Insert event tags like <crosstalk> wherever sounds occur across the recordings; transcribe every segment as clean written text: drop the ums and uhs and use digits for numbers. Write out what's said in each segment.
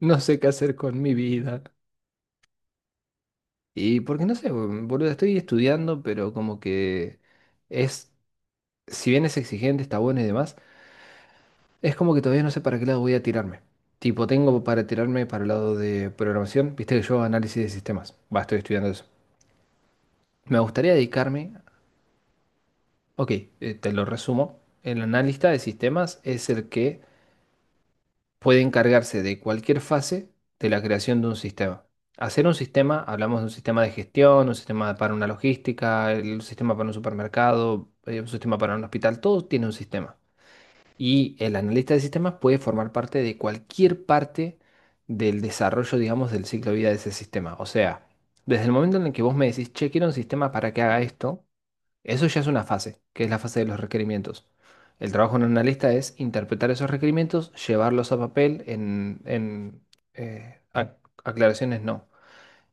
No sé qué hacer con mi vida. Y porque no sé, boludo, estoy estudiando, pero como que es, si bien es exigente, está bueno y demás, es como que todavía no sé para qué lado voy a tirarme. Tipo, tengo para tirarme para el lado de programación, viste que yo hago análisis de sistemas, va, estoy estudiando eso. Me gustaría dedicarme. Ok, te lo resumo, el analista de sistemas es el que puede encargarse de cualquier fase de la creación de un sistema. Hacer un sistema, hablamos de un sistema de gestión, un sistema para una logística, el un sistema para un supermercado, un sistema para un hospital, todo tiene un sistema. Y el analista de sistemas puede formar parte de cualquier parte del desarrollo, digamos, del ciclo de vida de ese sistema. O sea, desde el momento en el que vos me decís, che, quiero un sistema para que haga esto, eso ya es una fase, que es la fase de los requerimientos. El trabajo de un analista es interpretar esos requerimientos, llevarlos a papel eh, ac- aclaraciones no,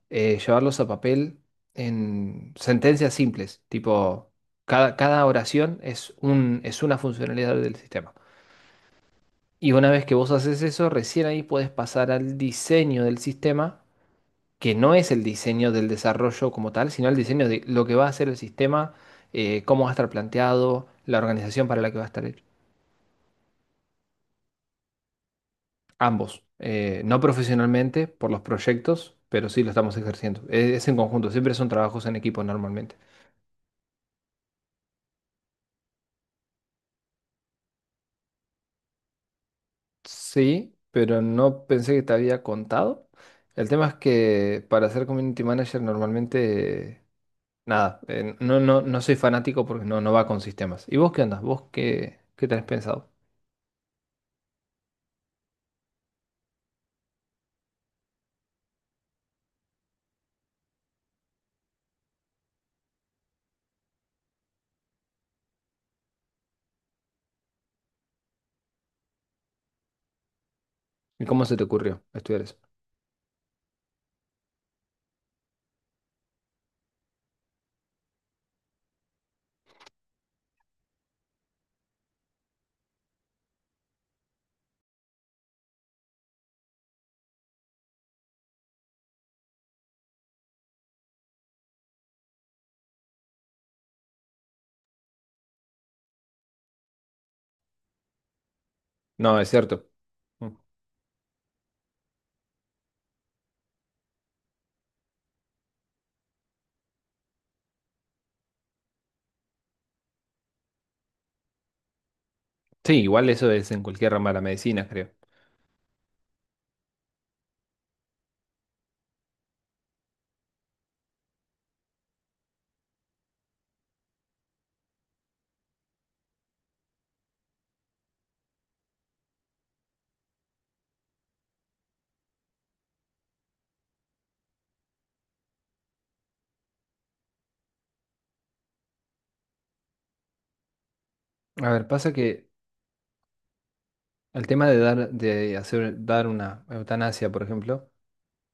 llevarlos a papel en sentencias simples, tipo cada oración es una funcionalidad del sistema. Y una vez que vos haces eso, recién ahí puedes pasar al diseño del sistema, que no es el diseño del desarrollo como tal, sino el diseño de lo que va a ser el sistema, cómo va a estar planteado, la organización para la que va a estar hecho. Ambos, no profesionalmente por los proyectos, pero sí lo estamos ejerciendo. Es en conjunto, siempre son trabajos en equipo normalmente. Sí, pero no pensé que te había contado. El tema es que para ser community manager normalmente, nada, no soy fanático porque no va con sistemas. ¿Y vos qué andas? ¿Vos qué, qué tenés pensado? ¿Y cómo se te ocurrió estudiar eso? No, es cierto. Mm. Sí, igual eso es en cualquier rama de la medicina, creo. A ver, pasa que el tema de dar una eutanasia, por ejemplo,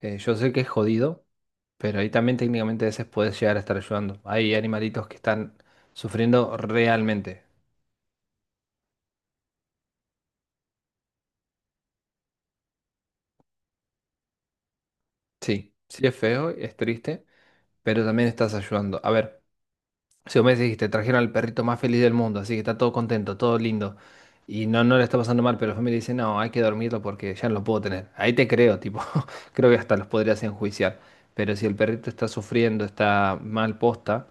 yo sé que es jodido, pero ahí también técnicamente a veces puedes llegar a estar ayudando. Hay animalitos que están sufriendo realmente. Sí, sí es feo, es triste, pero también estás ayudando. A ver. Si vos me dijiste trajeron al perrito más feliz del mundo, así que está todo contento, todo lindo, y no, no le está pasando mal, pero la familia dice, no, hay que dormirlo porque ya no lo puedo tener. Ahí te creo, tipo, <laughs> creo que hasta los podrías enjuiciar. Pero si el perrito está sufriendo, está mal posta,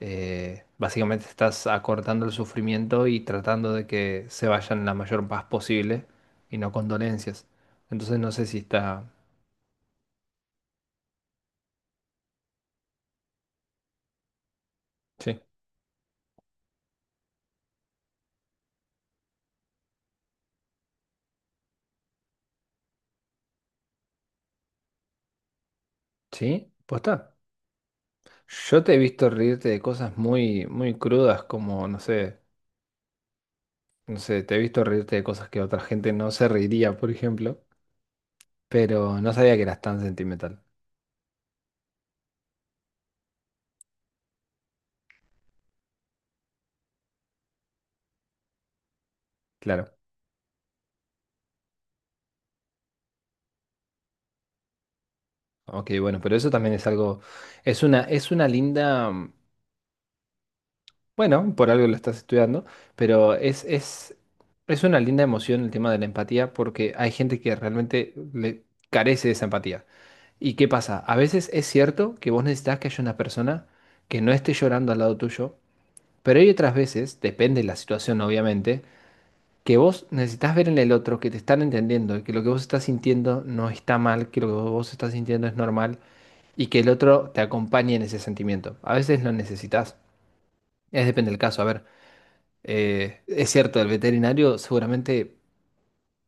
básicamente estás acortando el sufrimiento y tratando de que se vayan la mayor paz posible y no con dolencias. Entonces no sé si está... Sí. ¿Sí? ¿Posta? Yo te he visto reírte de cosas muy, muy crudas como, no sé. No sé, te he visto reírte de cosas que otra gente no se reiría, por ejemplo, pero no sabía que eras tan sentimental. Claro. Ok, bueno, pero eso también es algo, es una linda, mm, bueno, por algo lo estás estudiando, pero es una linda emoción el tema de la empatía porque hay gente que realmente le carece de esa empatía. ¿Y qué pasa? A veces es cierto que vos necesitas que haya una persona que no esté llorando al lado tuyo, pero hay otras veces, depende de la situación, obviamente, que vos necesitas ver en el otro que te están entendiendo y que lo que vos estás sintiendo no está mal, que lo que vos estás sintiendo es normal y que el otro te acompañe en ese sentimiento. A veces lo necesitas. Es depende del caso. A ver, es cierto, el veterinario seguramente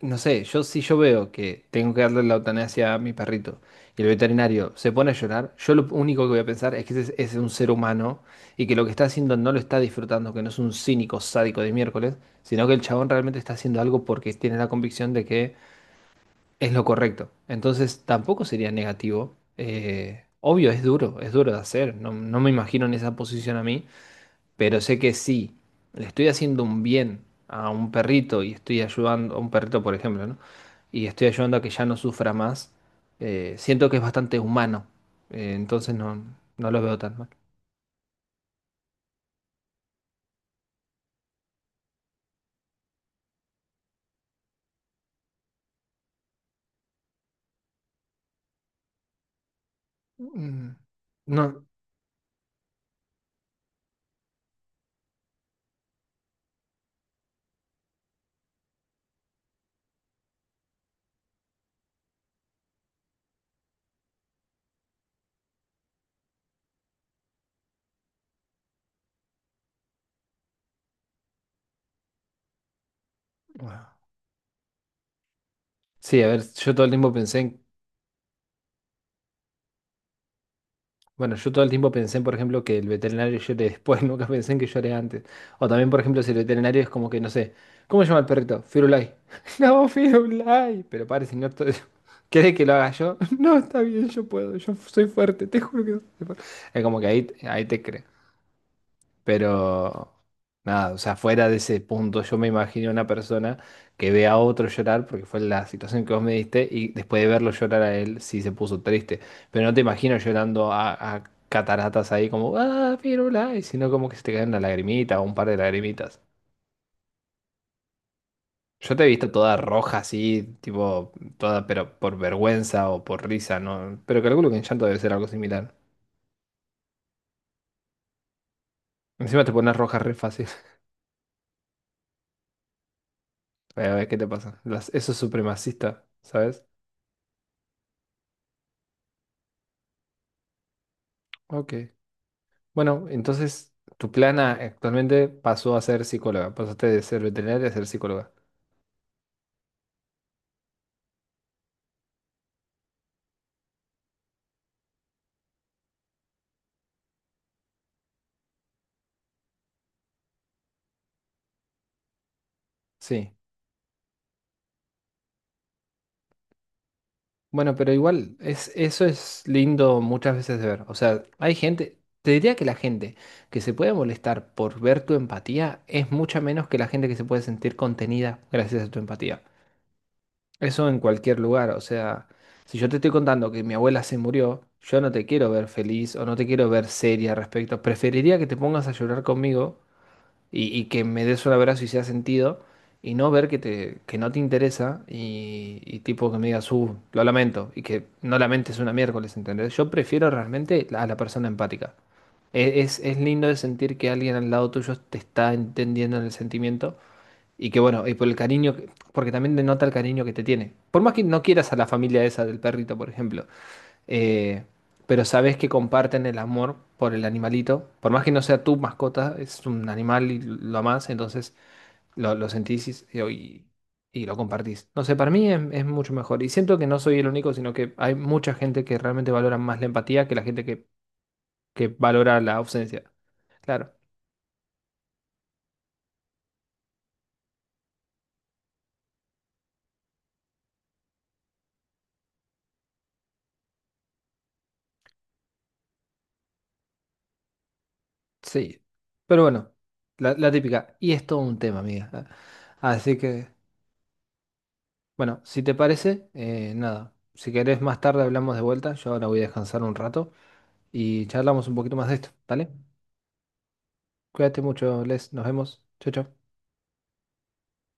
no sé, yo si yo veo que tengo que darle la eutanasia a mi perrito y el veterinario se pone a llorar, yo lo único que voy a pensar es que ese es un ser humano y que lo que está haciendo no lo está disfrutando, que no es un cínico sádico de miércoles, sino que el chabón realmente está haciendo algo porque tiene la convicción de que es lo correcto. Entonces tampoco sería negativo. Obvio, es duro de hacer. No, no me imagino en esa posición a mí, pero sé que sí, le estoy haciendo un bien a un perrito y estoy ayudando, a un perrito por ejemplo, ¿no? Y estoy ayudando a que ya no sufra más. Siento que es bastante humano. Entonces no, no lo veo tan mal. Mm. No, bueno, sí, a ver, yo todo el tiempo pensé en... Bueno, yo todo el tiempo pensé, por ejemplo, que el veterinario llore después, <laughs> nunca pensé en que llore antes. O también, por ejemplo, si el veterinario es como que, no sé, ¿cómo se llama el perrito? Firulai. <laughs> No, Firulai. Pero padre, si no, <laughs> ¿querés que lo haga yo? <laughs> No, está bien, yo puedo, yo soy fuerte, te juro que soy fuerte. Es como que ahí te creo. Pero nada, o sea, fuera de ese punto, yo me imagino una persona que ve a otro llorar, porque fue la situación que vos me diste, y después de verlo llorar a él, sí se puso triste. Pero no te imagino llorando a cataratas ahí como, ah, pirula, y sino como que se te cae una lagrimita o un par de lagrimitas. Yo te he visto toda roja así, tipo, toda, pero por vergüenza o por risa, ¿no? Pero calculo que en llanto debe ser algo similar. Encima te pones roja re fácil. <laughs> A ver, ¿qué te pasa? Eso es supremacista, ¿sabes? Ok. Bueno, entonces tu plana actualmente pasó a ser psicóloga, pasaste de ser veterinaria a ser psicóloga. Sí. Bueno, pero igual es, eso es lindo muchas veces de ver. O sea, hay gente, te diría que la gente que se puede molestar por ver tu empatía es mucha menos que la gente que se puede sentir contenida gracias a tu empatía. Eso en cualquier lugar. O sea, si yo te estoy contando que mi abuela se murió, yo no te quiero ver feliz o no te quiero ver seria al respecto. Preferiría que te pongas a llorar conmigo y que me des un abrazo y sea sentido, y no ver que, te, que no te interesa y tipo que me digas, lo lamento, y que no lamentes una miércoles, ¿entendés? Yo prefiero realmente a la persona empática. Es lindo de sentir que alguien al lado tuyo te está entendiendo en el sentimiento y que bueno, y por el cariño, porque también denota el cariño que te tiene. Por más que no quieras a la familia esa del perrito, por ejemplo, eh, pero sabes que comparten el amor por el animalito. Por más que no sea tu mascota, es un animal y lo amás, entonces lo sentís y lo compartís. No sé, para mí es mucho mejor. Y siento que no soy el único, sino que hay mucha gente que realmente valora más la empatía que la gente que valora la ausencia. Claro, sí. Pero bueno, la típica. Y es todo un tema, amiga. Así que, bueno, si te parece, nada. Si querés más tarde hablamos de vuelta. Yo ahora voy a descansar un rato y charlamos un poquito más de esto, ¿dale? Cuídate mucho, Les, nos vemos. Chau, chau.